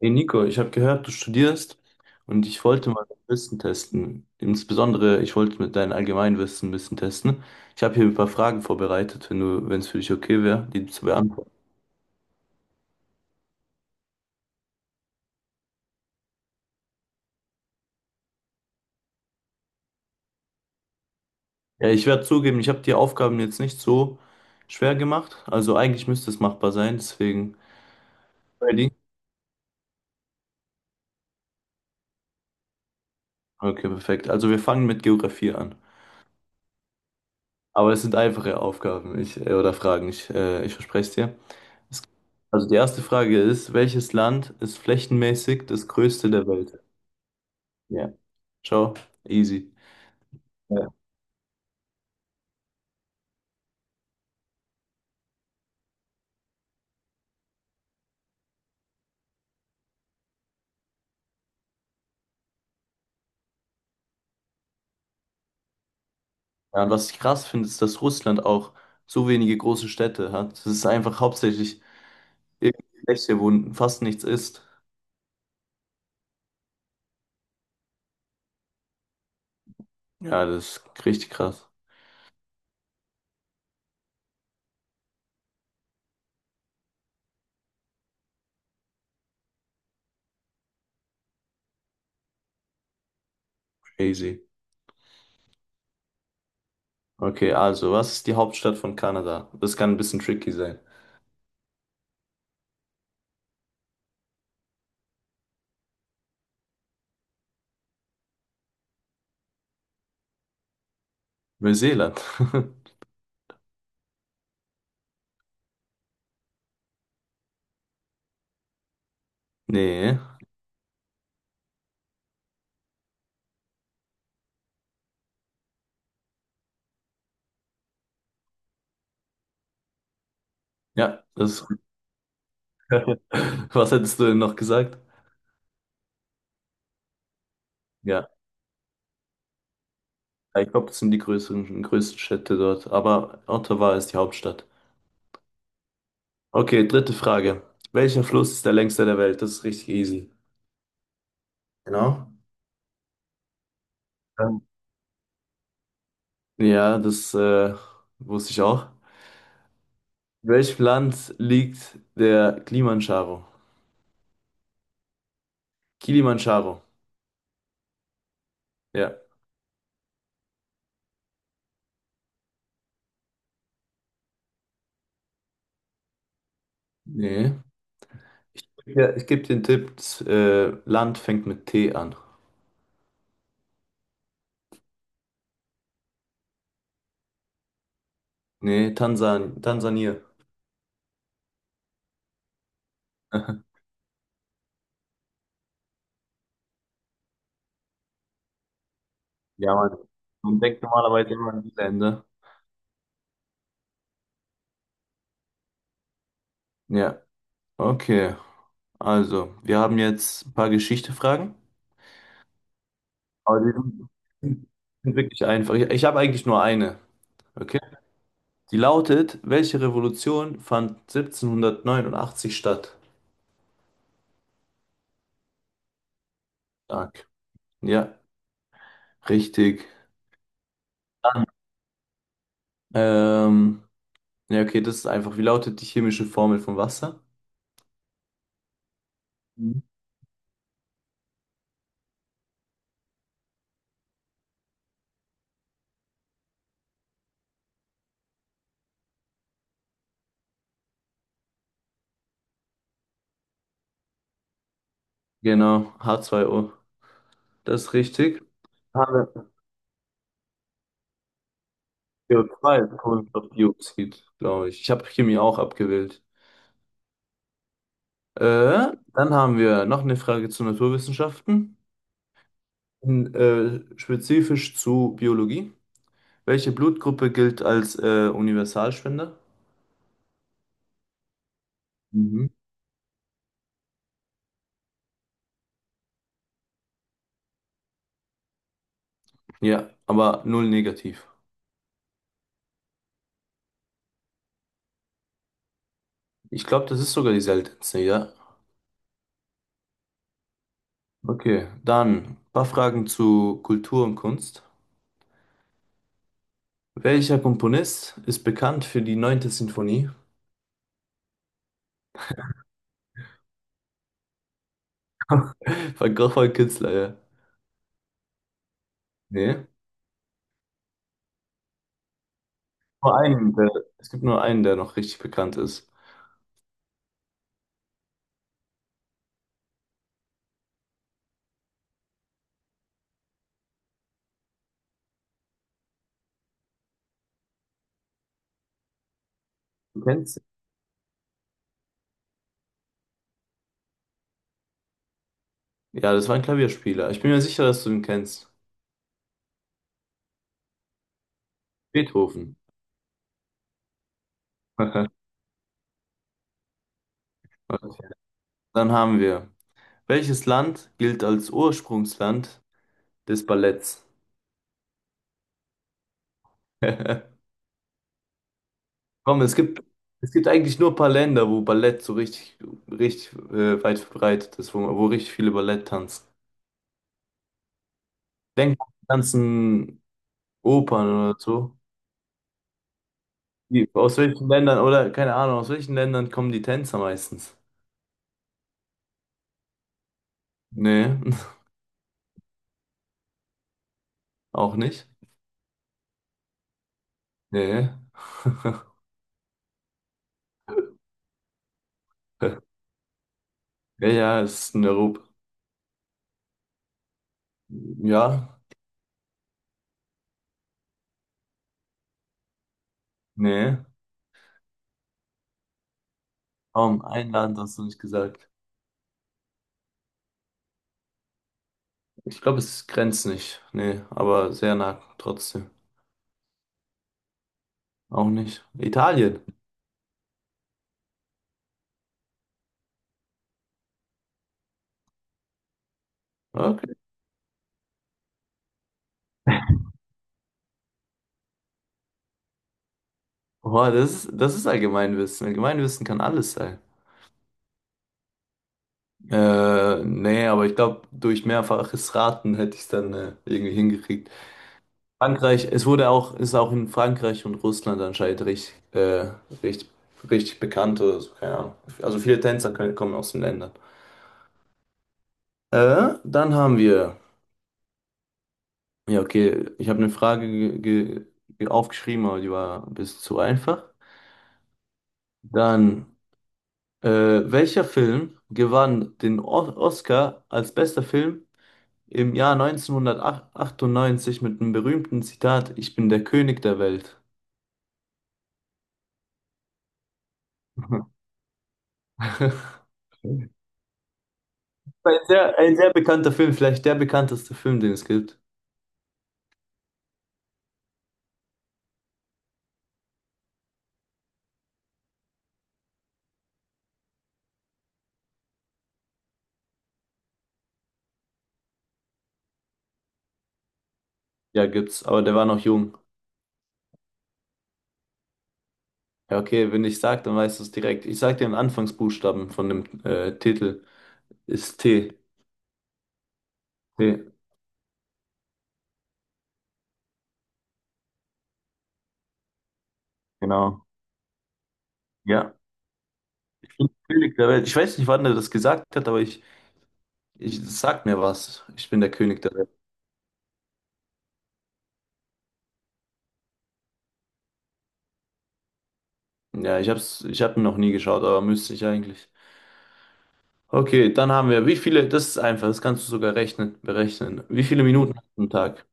Hey Nico, ich habe gehört, du studierst und ich wollte mal dein Wissen testen. Insbesondere, ich wollte mit deinem Allgemeinwissen ein bisschen testen. Ich habe hier ein paar Fragen vorbereitet, wenn es für dich okay wäre, die zu beantworten. Ja, ich werde zugeben, ich habe die Aufgaben jetzt nicht so schwer gemacht. Also eigentlich müsste es machbar sein, deswegen. Ready? Okay, perfekt. Also wir fangen mit Geografie an. Aber es sind einfache Aufgaben, oder Fragen, ich verspreche es dir. Also die erste Frage ist, welches Land ist flächenmäßig das größte der Welt? Ja. Ciao. Easy. Ja. Ja, und was ich krass finde, ist, dass Russland auch so wenige große Städte hat. Es ist einfach hauptsächlich irgendein Fläche, wo fast nichts ist. Ja, das ist richtig krass. Crazy. Okay, also, was ist die Hauptstadt von Kanada? Das kann ein bisschen tricky sein. Neuseeland. Nee. Ja, das. Was hättest du denn noch gesagt? Ja, ich glaube, das sind größten Städte dort. Aber Ottawa ist die Hauptstadt. Okay, dritte Frage. Welcher Fluss ist der längste der Welt? Das ist richtig easy. Genau. Ähm, Ja, das wusste ich auch. In welchem Land liegt der Kilimanjaro? Kilimanjaro. Ja. Nee. Ich gebe den Tipp, das Land fängt mit T an. Nee, Tansania. Ja, Mann. Man denkt normalerweise immer an die Länder. Ja, okay. Also, wir haben jetzt ein paar Geschichte-Fragen. Aber die sind wirklich einfach. Ich habe eigentlich nur eine. Okay? Die lautet, welche Revolution fand 1789 statt? Stark. Ja, richtig. Dann, ähm, ja, okay, das ist einfach. Wie lautet die chemische Formel von Wasser? Mhm. Genau, H2O. Das ist richtig. Haben wir C o 2 Kohlenstoffdioxid, glaube ich. Ich habe Chemie auch abgewählt. Dann haben wir noch eine Frage zu Naturwissenschaften, spezifisch zu Biologie. Welche Blutgruppe gilt als Universalspender? Mhm. Ja, aber null negativ. Ich glaube, das ist sogar die seltenste, ja. Okay, dann ein paar Fragen zu Kultur und Kunst. Welcher Komponist ist bekannt für die neunte Sinfonie? Van Gogh war ein Künstler, ja. Nee. Nur einen, der, es gibt nur einen, der noch richtig bekannt ist. Du kennst ihn? Ja, das war ein Klavierspieler. Ich bin mir sicher, dass du ihn kennst. Beethoven. Okay. Dann haben wir. Welches Land gilt als Ursprungsland des Balletts? Komm, es gibt eigentlich nur ein paar Länder, wo Ballett so richtig, richtig weit verbreitet ist, wo richtig viele Ballett tanzen. Denk an die ganzen Opern oder so. Aus welchen Ländern, oder keine Ahnung, aus welchen Ländern kommen die Tänzer meistens? Nee, auch nicht. Nee. Ja, ja, es ist in Europa. Ja, nee. Kaum ein Land hast du nicht gesagt. Ich glaube, es grenzt nicht. Nee, aber sehr nah trotzdem. Auch nicht. Italien. Okay. Boah, das ist Allgemeinwissen. Allgemeinwissen kann alles sein. Nee, aber ich glaube, durch mehrfaches Raten hätte ich es dann irgendwie hingekriegt. Frankreich, ist auch in Frankreich und Russland anscheinend richtig, richtig, richtig bekannt oder so, keine Ahnung. Also kommen aus den Ländern. Dann haben wir, ja, okay, ich habe eine Frage aufgeschrieben, aber die war ein bisschen zu einfach. Dann, welcher Film gewann den o Oscar als bester Film? Im Jahr 1998 mit einem berühmten Zitat, Ich bin der König der Welt. Ein sehr bekannter Film, vielleicht der bekannteste Film, den es gibt. Ja, gibt's, aber der war noch jung. Ja, okay, wenn ich sag, dann weißt du es direkt. Ich sag dir den Anfangsbuchstaben von dem Titel. Ist T. T. Genau. Ja. Ich bin der König der Welt. Ich weiß nicht, wann er das gesagt hat, ich das sagt mir was. Ich bin der König der Welt. Ja, ich hab ihn noch nie geschaut, aber müsste ich eigentlich. Okay, dann haben wir, das ist einfach, das kannst du berechnen. Wie viele Minuten hast du am Tag?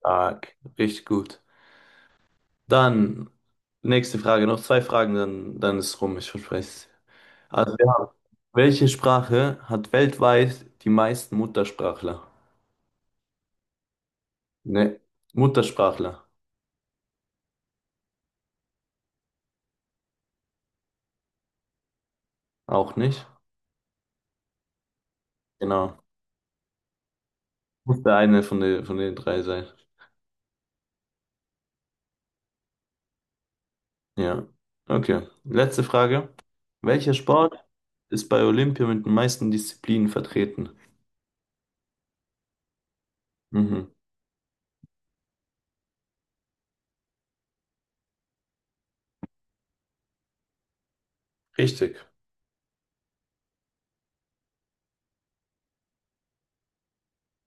Tag, richtig gut. Dann, nächste Frage, noch zwei Fragen, dann ist rum, ich verspreche es. Also, wir haben, welche Sprache hat weltweit die meisten Muttersprachler? Ne, Muttersprachler, auch nicht? Genau. Muss der eine von den drei sein. Ja, okay. Letzte Frage. Welcher Sport ist bei Olympia mit den meisten Disziplinen vertreten? Mhm. Richtig.